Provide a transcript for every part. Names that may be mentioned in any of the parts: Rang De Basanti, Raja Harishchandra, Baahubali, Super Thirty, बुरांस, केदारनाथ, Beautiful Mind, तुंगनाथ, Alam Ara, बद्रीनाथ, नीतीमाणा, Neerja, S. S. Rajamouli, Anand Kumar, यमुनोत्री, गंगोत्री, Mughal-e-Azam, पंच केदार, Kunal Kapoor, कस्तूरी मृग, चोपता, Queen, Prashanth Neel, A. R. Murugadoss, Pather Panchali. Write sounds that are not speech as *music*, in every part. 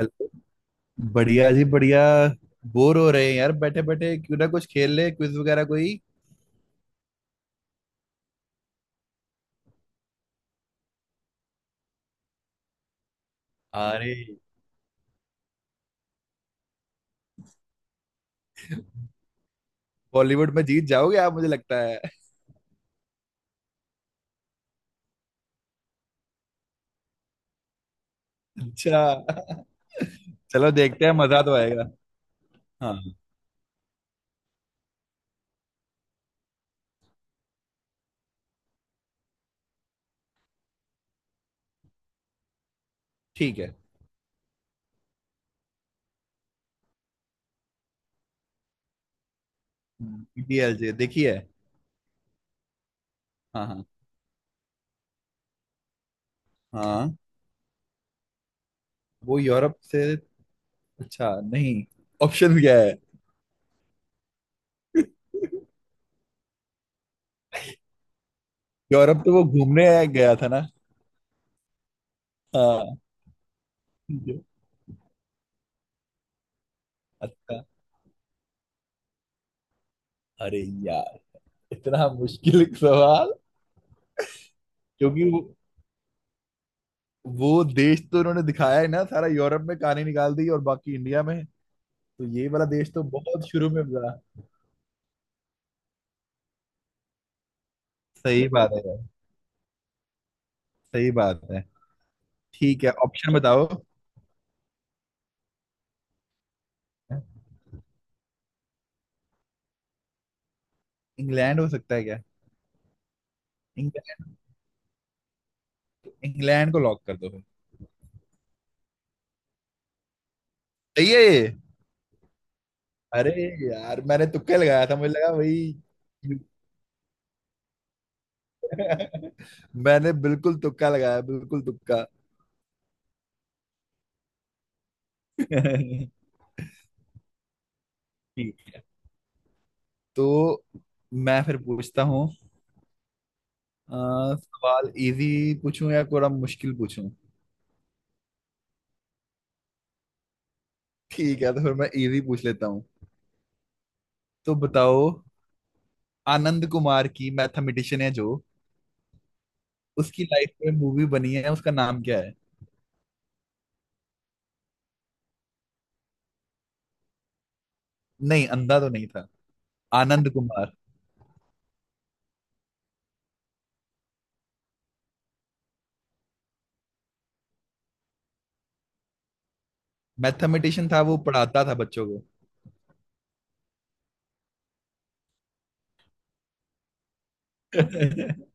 Hello. बढ़िया जी बढ़िया। बोर हो रहे हैं यार बैठे बैठे, क्यों ना कुछ खेल ले, क्विज वगैरह कोई। अरे बॉलीवुड में जीत जाओगे आप मुझे लगता है। *laughs* अच्छा, चलो देखते हैं, मजा तो आएगा। हाँ, ठीक है। डीएलजे देखिए। हाँ हाँ हाँ, वो यूरोप से। अच्छा नहीं, ऑप्शन क्या है। *laughs* यूरोप तो वो घूमने गया था ना। हाँ। अच्छा, अरे यार इतना मुश्किल सवाल। क्योंकि वो देश तो इन्होंने दिखाया है ना, सारा यूरोप में कहानी निकाल दी और बाकी इंडिया में। तो ये वाला देश तो बहुत शुरू में था। सही बात है यार, सही बात है। ठीक है, ऑप्शन बताओ। इंग्लैंड हो सकता है क्या। इंग्लैंड, इंग्लैंड को लॉक कर दो फिर। सही है ये। अरे यार मैंने तुक्का लगाया था, मुझे लगा वही। *laughs* मैंने बिल्कुल तुक्का लगाया, बिल्कुल तुक्का। *laughs* ठीक। तो मैं फिर पूछता हूँ। अ, सवाल इजी पूछूं या थोड़ा मुश्किल पूछूं। ठीक है, तो फिर मैं इजी पूछ लेता हूँ। तो बताओ, आनंद कुमार की, मैथमेटिशियन है जो, उसकी लाइफ में मूवी बनी है, उसका नाम क्या है। नहीं, अंधा तो नहीं था। आनंद कुमार मैथमेटिशियन था, वो पढ़ाता था बच्चों को। *laughs*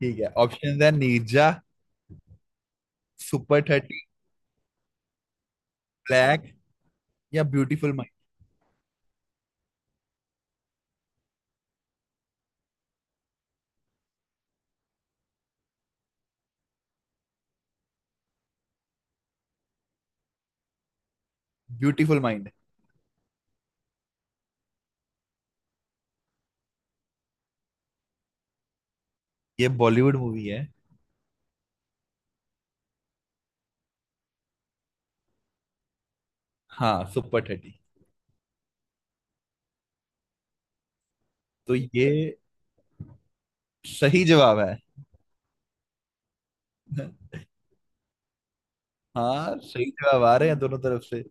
ठीक है, ऑप्शन है नीरजा, सुपर थर्टी, ब्लैक या ब्यूटीफुल माइंड। ब्यूटीफुल माइंड ये बॉलीवुड मूवी है। हाँ सुपर थर्टी। तो ये सही जवाब है। *laughs* हाँ, सही जवाब आ रहे हैं दोनों तरफ से।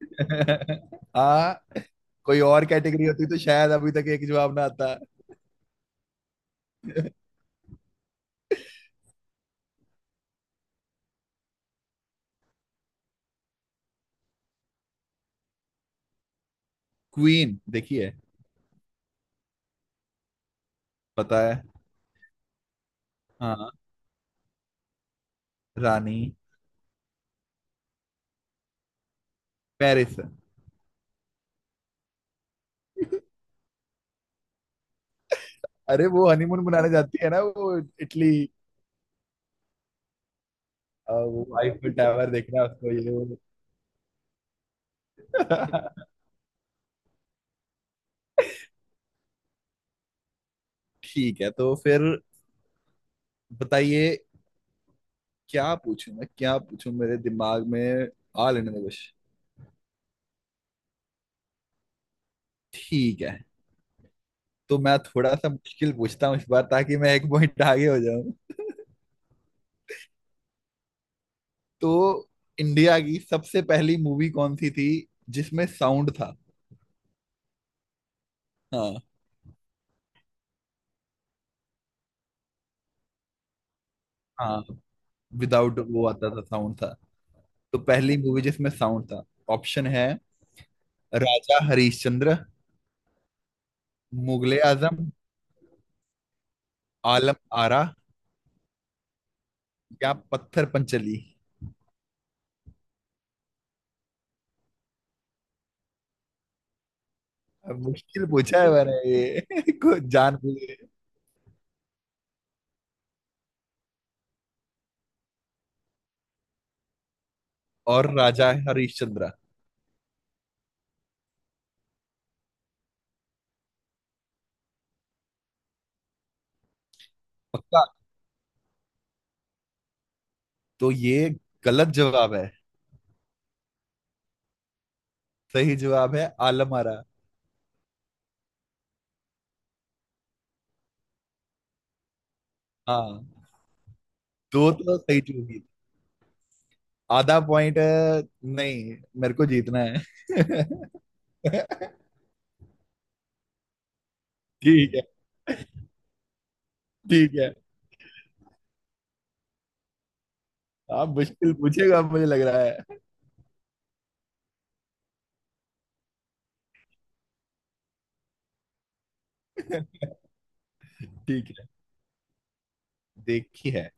*laughs* हाँ। कोई और कैटेगरी होती तो शायद अभी तक एक जवाब ना आता। *laughs* क्वीन देखिए। पता है। हाँ। रानी पेरिस। अरे वो हनीमून मनाने जाती है ना, वो इटली। वो आईफिल टावर देखना है उसको, ये वो। *laughs* ठीक है, तो फिर बताइए। क्या पूछूं मैं, क्या पूछूं, मेरे दिमाग में आ लेने दो कुछ। ठीक है, तो मैं थोड़ा सा मुश्किल पूछता हूँ इस बार, ताकि मैं एक पॉइंट आगे हो। तो इंडिया की सबसे पहली मूवी कौन सी थी जिसमें साउंड था। हाँ हाँ, विदाउट वो आता था, साउंड था। तो पहली मूवी जिसमें साउंड था, ऑप्शन है राजा हरिश्चंद्र, मुगले आजम, आलम आरा, या पत्थर पंचली। अब मुश्किल पूछा है मैंने ये *laughs* कुछ जान बूझ के। और राजा हरिश्चंद्र। पक्का। तो ये गलत जवाब है। सही जवाब है आलम आरा। हाँ दो तो सही चूंगी। आधा पॉइंट नहीं, मेरे को जीतना है। *laughs* ठीक है। ठीक है, आप मुश्किल पूछेगा मुझे लग रहा है। *laughs* ठीक है, देखी है।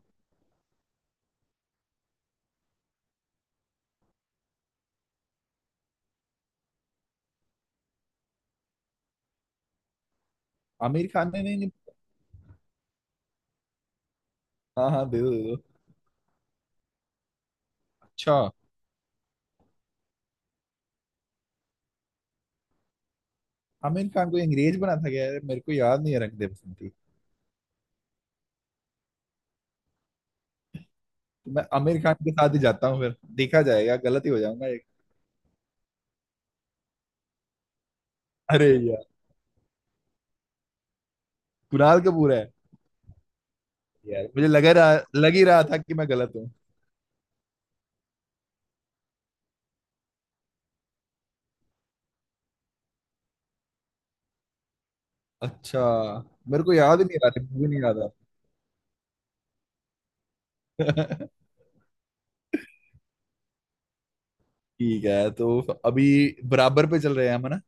आमिर खान ने। नहीं, नहीं। हाँ हाँ, दे दो दे दो। अच्छा। आमिर खान को, अंग्रेज बना था क्या यार, मेरे को याद नहीं है रंग दे बसंती। तो मैं आमिर खान के साथ ही जाता हूँ, फिर देखा जाएगा, गलत ही हो जाऊंगा एक। अरे यार। कुणाल कपूर है। यार मुझे लग रहा, लग ही रहा था कि मैं गलत हूँ। अच्छा, मेरे को याद ही नहीं आ रहा, मूवी नहीं याद आ रहा। *laughs* ठीक है, तो अभी बराबर पे चल रहे हैं हम है ना।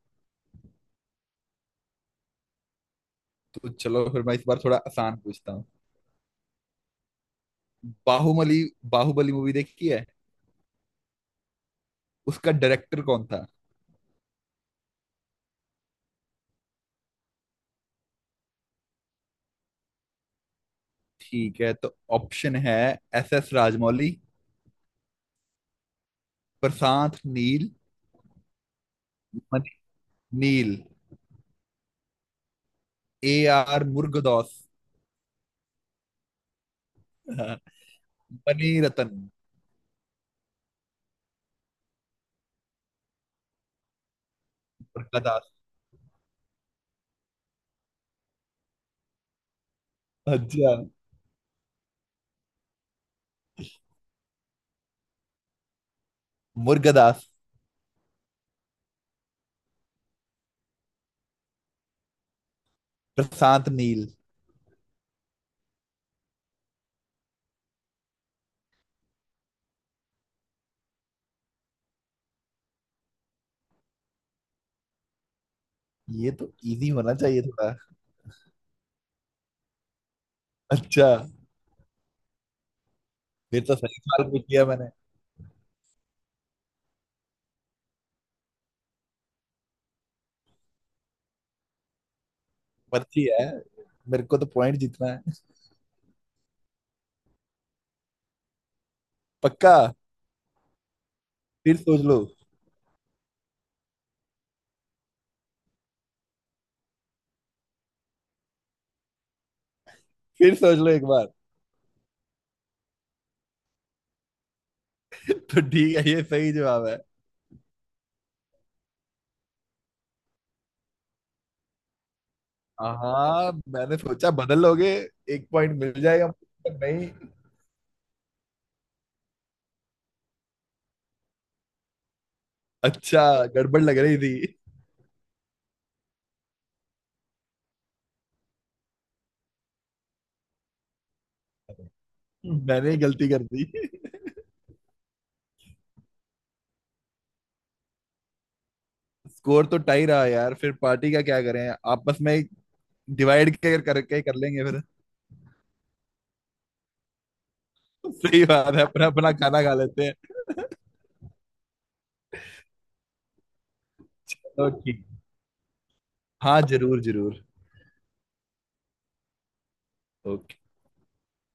तो चलो फिर मैं इस बार थोड़ा आसान पूछता हूँ। बाहुबली, बाहुबली मूवी देखी है। उसका डायरेक्टर कौन था। ठीक है, तो ऑप्शन है S S Rajamouli, Prashanth Neel, Mani Neel, A R Murugadoss, *laughs* हाँ, मणि रतन। मुर्गदास। अच्छा, मुर्गदास, प्रशांत नील। ये तो इजी होना चाहिए थोड़ा। अच्छा, फिर तो सही सवाल पूछ लिया मैंने। पर्ची है, मेरे को तो पॉइंट जीतना है। पक्का। फिर सोच लो। फिर सोच लो एक बार। तो ठीक है, ये सही जवाब है। हाँ, मैंने सोचा बदल लोगे, एक पॉइंट मिल जाएगा, पर नहीं। अच्छा, गड़बड़ लग रही थी। मैंने ही गलती कर दी। स्कोर तो टाई रहा यार, फिर पार्टी का क्या करें, आपस में डिवाइड कर करके ही कर लेंगे फिर। सही बात है, अपना अपना खाना खा लेते हैं। तो ठीक। हाँ जरूर जरूर। ओके।